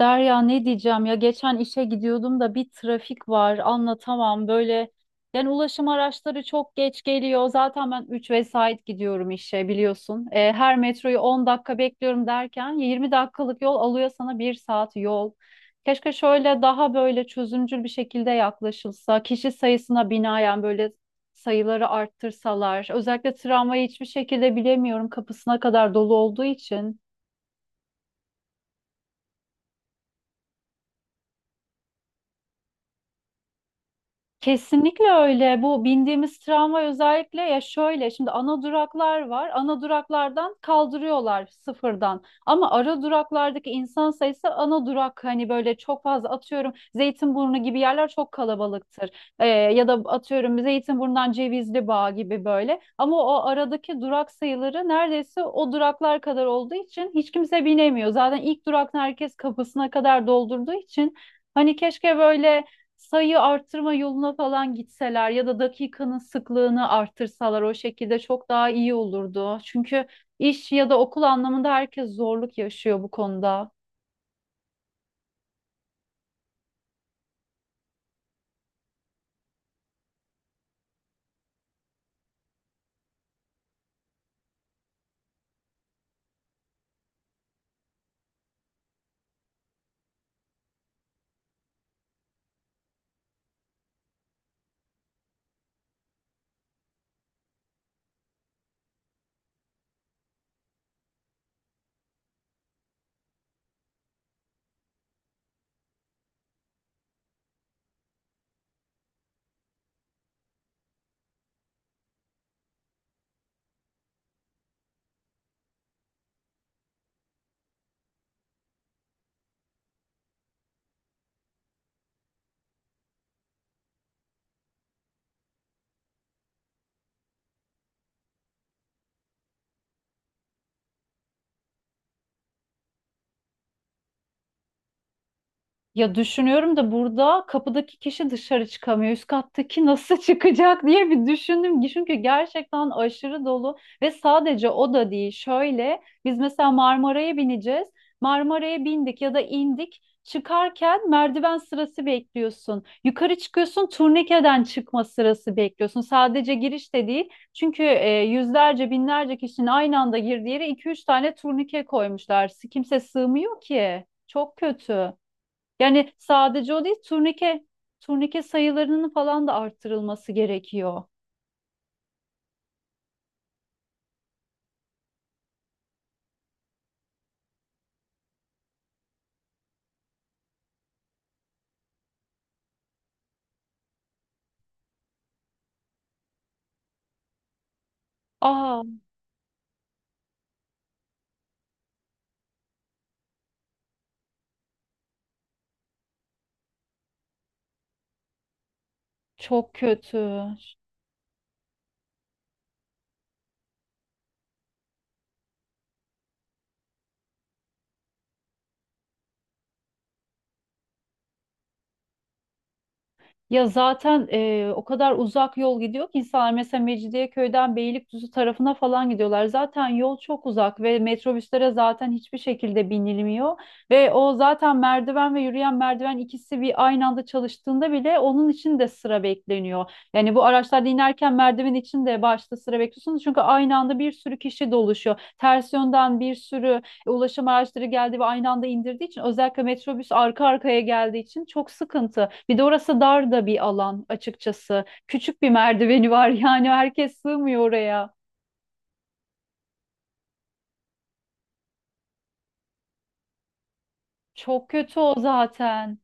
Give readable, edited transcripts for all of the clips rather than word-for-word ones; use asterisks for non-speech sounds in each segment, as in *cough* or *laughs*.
Derya, ne diyeceğim ya, geçen işe gidiyordum da bir trafik var, anlatamam böyle. Yani ulaşım araçları çok geç geliyor. Zaten ben 3 vesait gidiyorum işe, biliyorsun. Her metroyu 10 dakika bekliyorum derken 20 dakikalık yol alıyor sana bir saat yol. Keşke şöyle daha böyle çözümcül bir şekilde yaklaşılsa kişi sayısına binaen, böyle sayıları arttırsalar. Özellikle tramvayı hiçbir şekilde bilemiyorum, kapısına kadar dolu olduğu için. Kesinlikle öyle. Bu bindiğimiz tramvay özellikle, ya şöyle, şimdi ana duraklar var. Ana duraklardan kaldırıyorlar sıfırdan. Ama ara duraklardaki insan sayısı, ana durak hani böyle çok fazla, atıyorum Zeytinburnu gibi yerler çok kalabalıktır. Ya da atıyorum Zeytinburnu'ndan Cevizli gibi böyle. Ama o aradaki durak sayıları neredeyse o duraklar kadar olduğu için hiç kimse binemiyor. Zaten ilk duraktan herkes kapısına kadar doldurduğu için hani keşke böyle sayı artırma yoluna falan gitseler ya da dakikanın sıklığını artırsalar, o şekilde çok daha iyi olurdu. Çünkü iş ya da okul anlamında herkes zorluk yaşıyor bu konuda. Ya düşünüyorum da, burada kapıdaki kişi dışarı çıkamıyor. Üst kattaki nasıl *laughs* çıkacak diye bir düşündüm. Çünkü gerçekten aşırı dolu. Ve sadece o da değil. Şöyle, biz mesela Marmara'ya bineceğiz. Marmara'ya bindik ya da indik. Çıkarken merdiven sırası bekliyorsun. Yukarı çıkıyorsun, turnikeden çıkma sırası bekliyorsun. Sadece giriş de değil. Çünkü yüzlerce binlerce kişinin aynı anda girdiği yere 2-3 tane turnike koymuşlar. Kimse sığmıyor ki. Çok kötü. Yani sadece o değil, turnike sayılarının falan da arttırılması gerekiyor. Aa, çok kötü. Ya zaten o kadar uzak yol gidiyor ki insanlar mesela Mecidiyeköy'den Beylikdüzü tarafına falan gidiyorlar. Zaten yol çok uzak ve metrobüslere zaten hiçbir şekilde binilmiyor. Ve o zaten merdiven ve yürüyen merdiven ikisi bir aynı anda çalıştığında bile onun için de sıra bekleniyor. Yani bu araçlarda inerken merdiven için de başta sıra bekliyorsunuz. Çünkü aynı anda bir sürü kişi doluşuyor. Ters yönden bir sürü ulaşım araçları geldi ve aynı anda indirdiği için, özellikle metrobüs arka arkaya geldiği için, çok sıkıntı. Bir de orası dar da bir alan, açıkçası. Küçük bir merdiveni var, *laughs* yani herkes sığmıyor oraya. Çok kötü o zaten.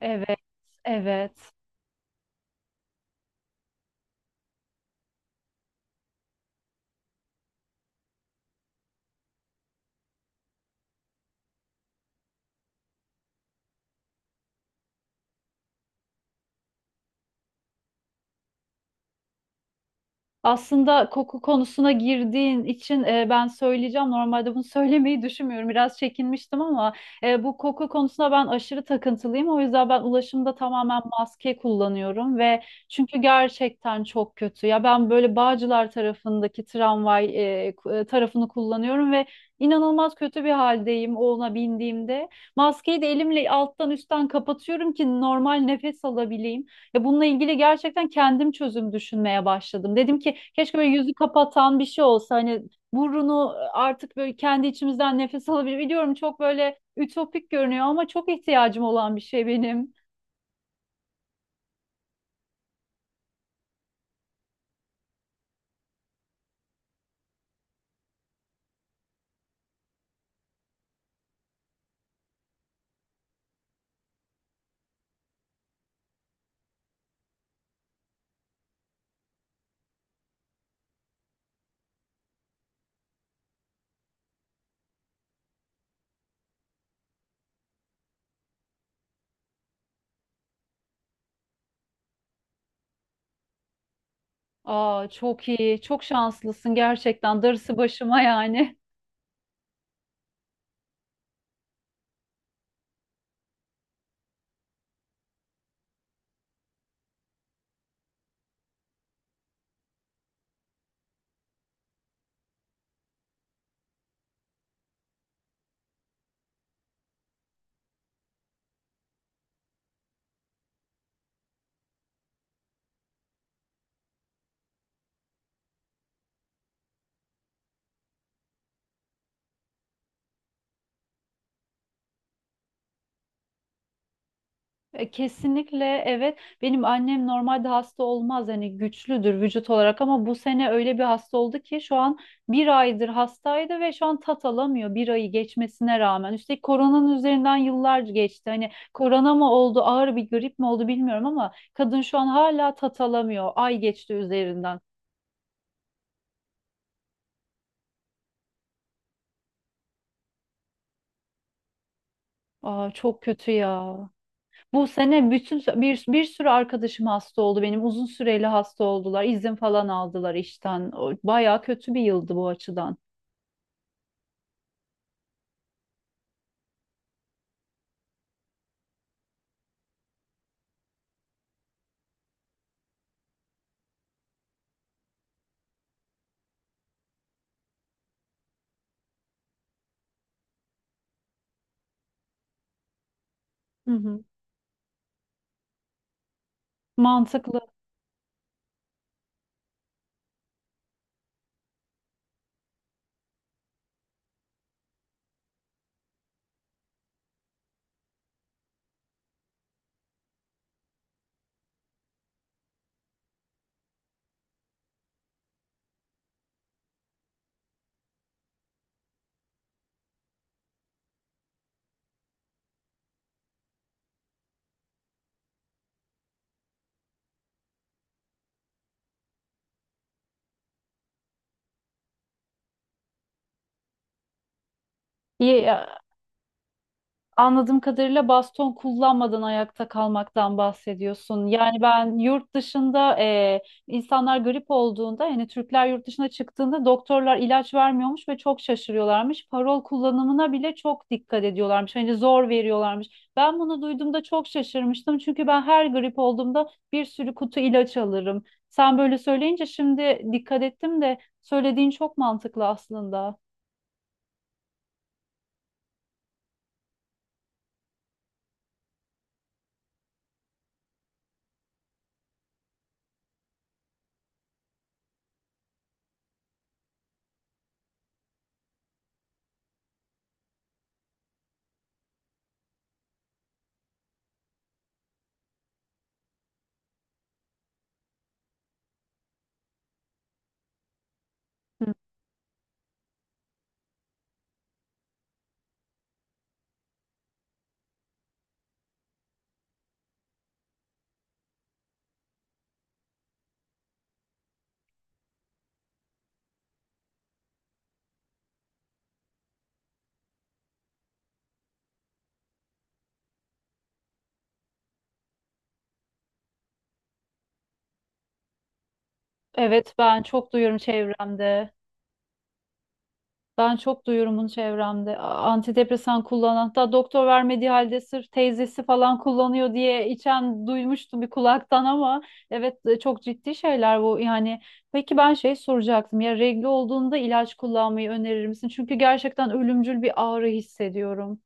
Evet, evet. Aslında koku konusuna girdiğin için, ben söyleyeceğim. Normalde bunu *laughs* söylemeyi düşünmüyorum. Biraz çekinmiştim ama bu koku konusuna ben aşırı takıntılıyım. O yüzden ben ulaşımda tamamen maske kullanıyorum ve çünkü gerçekten çok kötü. Ya ben böyle Bağcılar tarafındaki tramvay tarafını kullanıyorum ve inanılmaz kötü bir haldeyim ona bindiğimde. Maskeyi de elimle alttan üstten kapatıyorum ki normal nefes alabileyim. Ve bununla ilgili gerçekten kendim çözüm düşünmeye başladım. Dedim ki, keşke böyle yüzü kapatan bir şey olsa, hani burunu artık böyle kendi içimizden nefes *laughs* alabilir. Biliyorum çok böyle ütopik görünüyor ama çok ihtiyacım olan bir şey benim. Aa, çok iyi, çok şanslısın gerçekten. Darısı başıma yani. Kesinlikle evet. Benim annem normalde hasta olmaz, hani güçlüdür vücut olarak, ama bu sene öyle bir hasta oldu ki, şu an bir aydır hastaydı ve şu an tat alamıyor, bir ayı geçmesine rağmen. Üstelik koronanın üzerinden yıllar geçti. Hani korona mı oldu, ağır bir grip mi oldu bilmiyorum, ama kadın şu an hala tat alamıyor. Ay geçti üzerinden. Aa, çok kötü ya. Bu sene bütün bir sürü arkadaşım hasta oldu. Benim uzun süreli hasta oldular. İzin falan aldılar işten. Bayağı kötü bir yıldı bu açıdan. Hı hı. Mantıklı. İyi, anladığım kadarıyla baston kullanmadan ayakta kalmaktan bahsediyorsun. Yani ben yurt dışında, insanlar grip olduğunda, yani Türkler yurt dışına çıktığında doktorlar ilaç vermiyormuş ve çok şaşırıyorlarmış. Parol kullanımına bile çok dikkat ediyorlarmış. Hani zor veriyorlarmış. Ben bunu duyduğumda çok şaşırmıştım. Çünkü ben her grip olduğumda bir sürü kutu ilaç alırım. Sen böyle söyleyince şimdi dikkat ettim de, söylediğin çok mantıklı aslında. Hı. Evet, ben çok duyuyorum çevremde. Ben çok duyuyorum bunu çevremde. Antidepresan kullanan, hatta doktor vermediği halde sırf teyzesi falan kullanıyor diye içen duymuştum bir kulaktan, ama evet, çok ciddi şeyler bu. Yani peki, ben şey soracaktım, ya regl olduğunda ilaç kullanmayı önerir misin? Çünkü gerçekten ölümcül bir ağrı hissediyorum.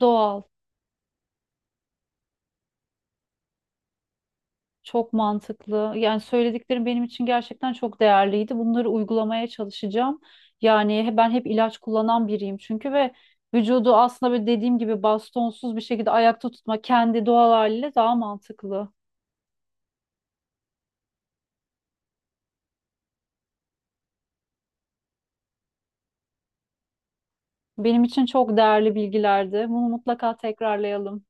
Doğal. Çok mantıklı. Yani söylediklerim benim için gerçekten çok değerliydi. Bunları uygulamaya çalışacağım. Yani ben hep ilaç kullanan biriyim çünkü, ve vücudu aslında böyle, dediğim gibi, bastonsuz bir şekilde ayakta tutma, kendi doğal haliyle daha mantıklı. Benim için çok değerli bilgilerdi. Bunu mutlaka tekrarlayalım.